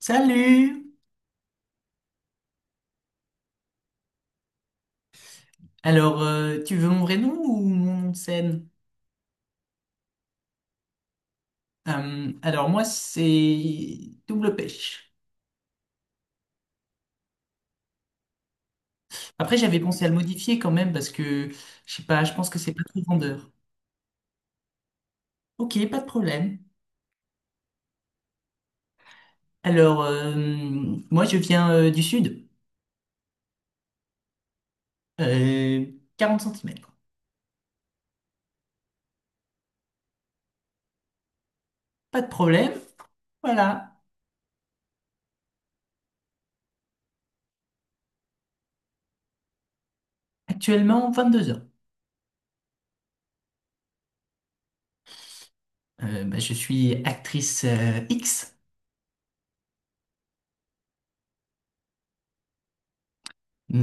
Salut! Alors, tu veux mon vrai nom ou mon nom de scène? Alors, moi, c'est Double Pêche. Après, j'avais pensé à le modifier quand même parce que, je sais pas, je pense que c'est pas très vendeur. Ok, pas de problème. Alors, moi, je viens du sud. Euh, 40 cm. Pas de problème. Voilà. Actuellement, 22 ans. Bah, je suis actrice X.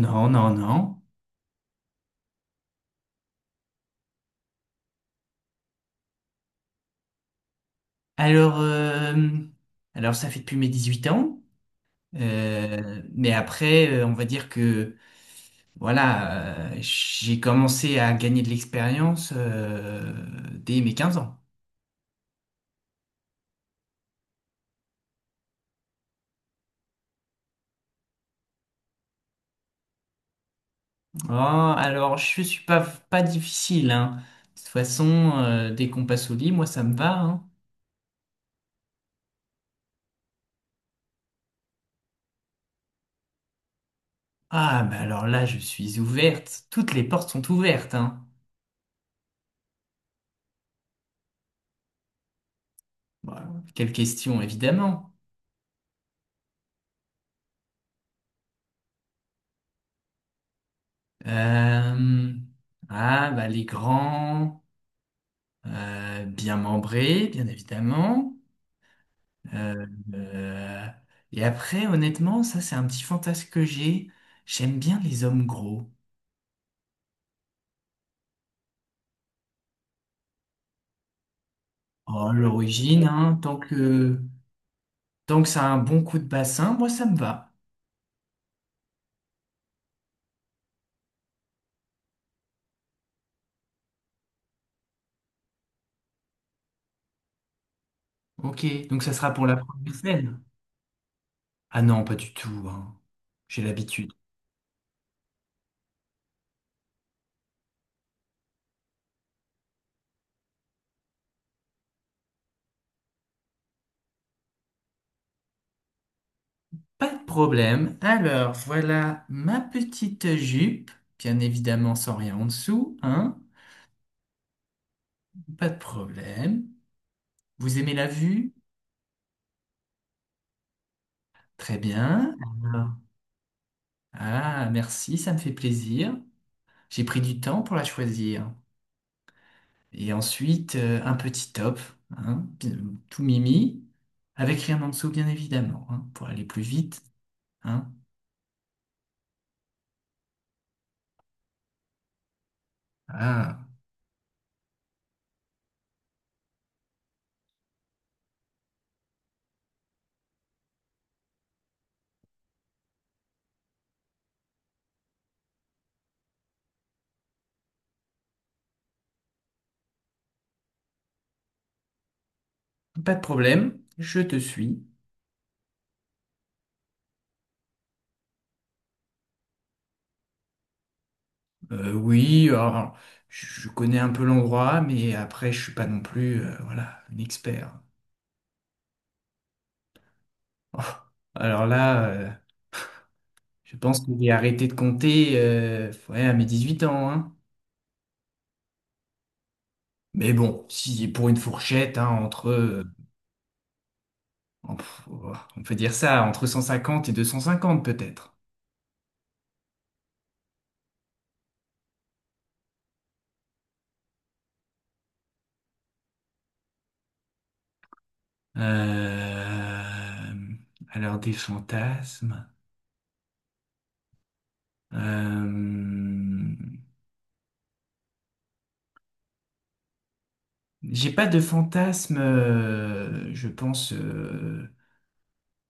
Non, non, non. Alors, euh, alors, ça fait depuis mes 18 ans. Mais après, on va dire que voilà, j'ai commencé à gagner de l'expérience dès mes 15 ans. Ah, alors, je suis pas difficile, hein. De toute façon, dès qu'on passe au lit, moi, ça me va, hein. Ah, mais alors là, je suis ouverte. Toutes les portes sont ouvertes, hein. Bon, quelle question, évidemment. Euh, ah, bah, les grands, bien membrés, bien évidemment. Euh, euh, et après, honnêtement, ça c'est un petit fantasme que j'ai. J'aime bien les hommes gros. Oh, l'origine, hein, tant que ça a un bon coup de bassin, moi ça me va. Ok, donc ça sera pour la première scène. Ah non, pas du tout, hein. J'ai l'habitude. Pas de problème. Alors, voilà ma petite jupe, bien évidemment sans rien en dessous, hein. Pas de problème. Vous aimez la vue? Très bien. Alors, ah, merci, ça me fait plaisir. J'ai pris du temps pour la choisir. Et ensuite, un petit top, hein, tout mimi, avec rien en dessous, bien évidemment, hein, pour aller plus vite, hein. Ah, pas de problème, je te suis. Oui, alors, je connais un peu l'endroit, mais après, je suis pas non plus, voilà, un expert. Oh, alors là, je pense que j'ai arrêté de compter, ouais, à mes 18 ans, hein. Mais bon, si pour une fourchette, hein, entre oh, on peut dire ça, entre 150 et 250 peut-être. Euh, alors des fantasmes. Euh, j'ai pas de fantasmes, je pense,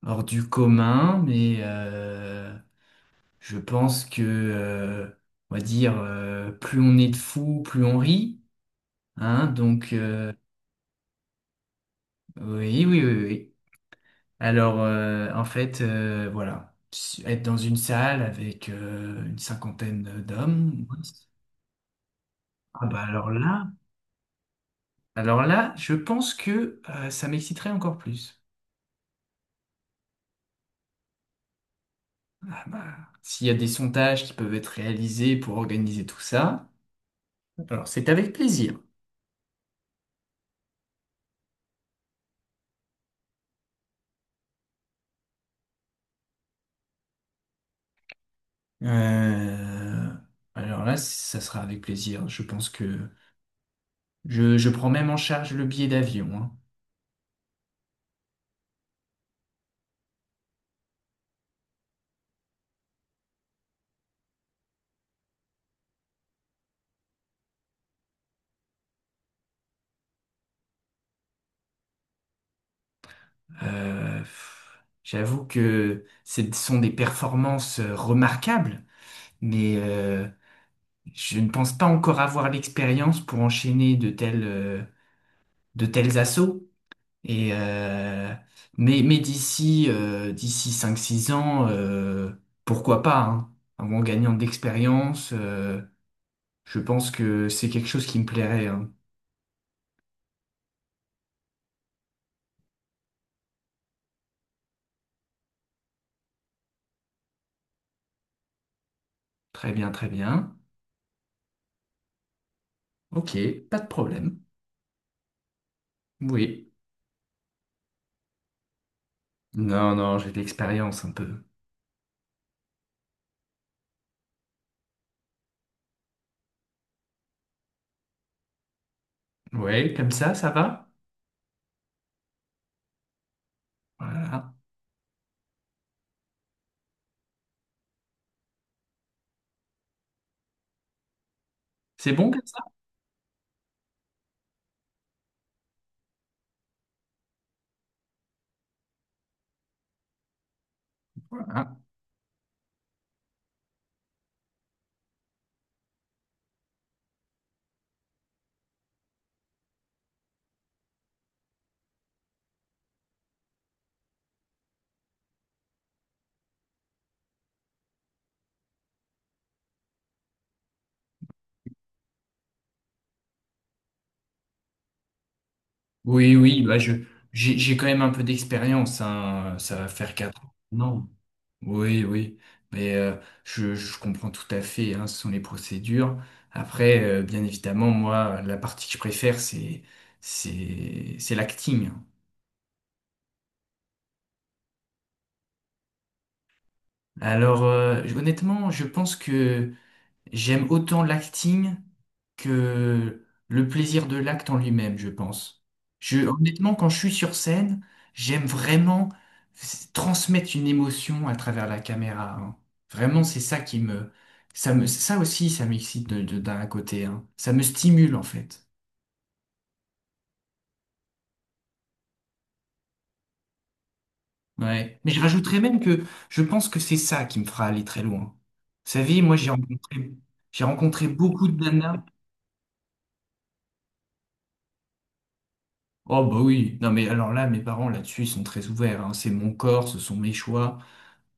hors du commun, mais je pense que, on va dire, plus on est de fous, plus on rit. Hein, donc, oui, oui, oui, oui. Alors, en fait, voilà, être dans une salle avec une cinquantaine d'hommes, ah bah alors là, je pense que ça m'exciterait encore plus. Ah bah, s'il y a des sondages qui peuvent être réalisés pour organiser tout ça, alors c'est avec plaisir. Euh, alors là, ça sera avec plaisir. Je pense que je prends même en charge le billet d'avion, hein. J'avoue que ce sont des performances remarquables. Mais je ne pense pas encore avoir l'expérience pour enchaîner de tels assauts. Et, euh, d'ici 5 6 ans, pourquoi pas, hein. En gagnant de l'expérience, je pense que c'est quelque chose qui me plairait, hein. Très bien, très bien. Ok, pas de problème. Oui. Non, non, j'ai de l'expérience un peu. Ouais, comme ça va? Voilà. C'est bon comme ça? Voilà. Oui, oui, bah je j'ai quand même un peu d'expérience, hein, ça va faire 4 ans. Non. Oui, oui. Mais je comprends tout à fait, hein, ce sont les procédures. Après, bien évidemment, moi, la partie que je préfère, c'est l'acting. Alors, honnêtement, je pense que j'aime autant l'acting que le plaisir de l'acte en lui-même, je pense. Honnêtement, quand je suis sur scène, j'aime vraiment transmettre une émotion à travers la caméra, hein. Vraiment, c'est ça qui me, ça aussi, ça m'excite d'un côté, hein. Ça me stimule en fait. Ouais. Mais je rajouterais même que je pense que c'est ça qui me fera aller très loin. Vous savez, moi, j'ai rencontré beaucoup de nanas. Oh bah oui, non mais alors là, mes parents là-dessus, ils sont très ouverts, hein. C'est mon corps, ce sont mes choix.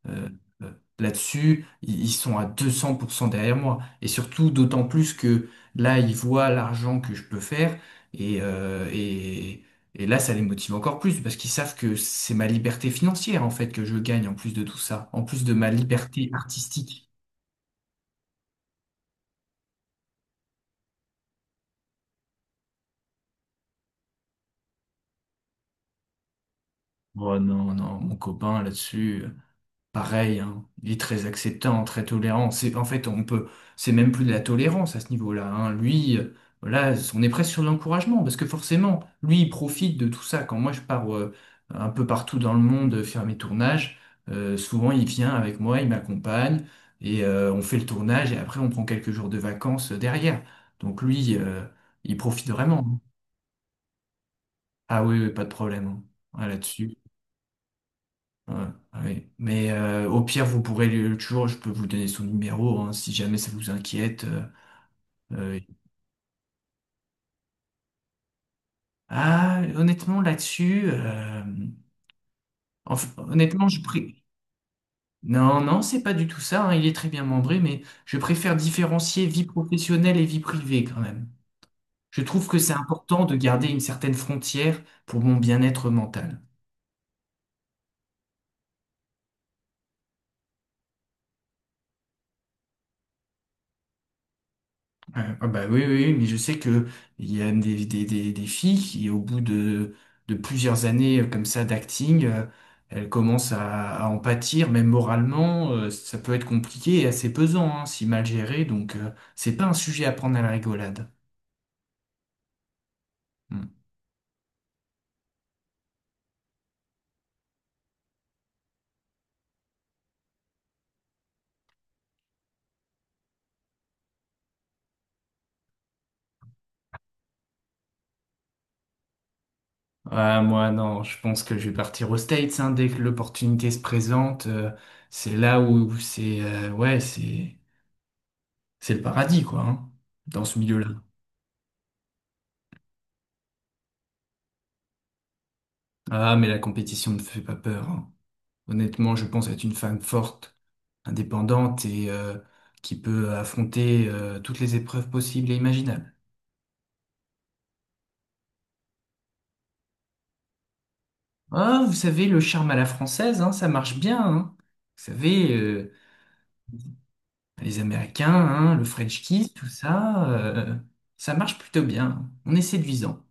Euh, euh, Là-dessus, ils sont à 200% derrière moi. Et surtout, d'autant plus que là, ils voient l'argent que je peux faire. Et, euh, et, et là, ça les motive encore plus, parce qu'ils savent que c'est ma liberté financière, en fait, que je gagne en plus de tout ça, en plus de ma liberté artistique. Oh non, non, mon copain là-dessus, pareil, hein, il est très acceptant, très tolérant. C'est, en fait, on peut, C'est même plus de la tolérance à ce niveau-là, hein. Lui, là, on est presque sur de l'encouragement parce que forcément, lui, il profite de tout ça. Quand moi, je pars un peu partout dans le monde faire mes tournages, souvent, il vient avec moi, il m'accompagne et on fait le tournage et après, on prend quelques jours de vacances derrière. Donc lui, il profite vraiment, hein. Ah oui, oui, pas de problème, hein. Ah, là-dessus. Ouais, ouais. Mais au pire, vous pourrez toujours, je peux vous donner son numéro, hein, si jamais ça vous inquiète. euh. Ah, honnêtement, là-dessus, honnêtement, je prie. Non, non, c'est pas du tout ça, hein. Il est très bien membré, mais je préfère différencier vie professionnelle et vie privée quand même. Je trouve que c'est important de garder une certaine frontière pour mon bien-être mental. Ah bah oui, oui, oui, mais je sais que il y a des filles qui, au bout de plusieurs années comme ça d'acting, elles commencent à en pâtir, même moralement, ça peut être compliqué et assez pesant, hein, si mal géré, donc c'est pas un sujet à prendre à la rigolade. Hmm. Ah, moi, non, je pense que je vais partir aux States, hein, dès que l'opportunité se présente, c'est là où c'est, ouais, c'est le paradis, quoi, hein, dans ce milieu-là. Ah, mais la compétition ne me fait pas peur, hein. Honnêtement, je pense être une femme forte, indépendante et qui peut affronter toutes les épreuves possibles et imaginables. Ah, vous savez, le charme à la française, hein, ça marche bien, hein. Vous savez, les Américains, hein, le French kiss, tout ça, ça marche plutôt bien. On est séduisant.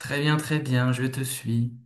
Très bien, je te suis.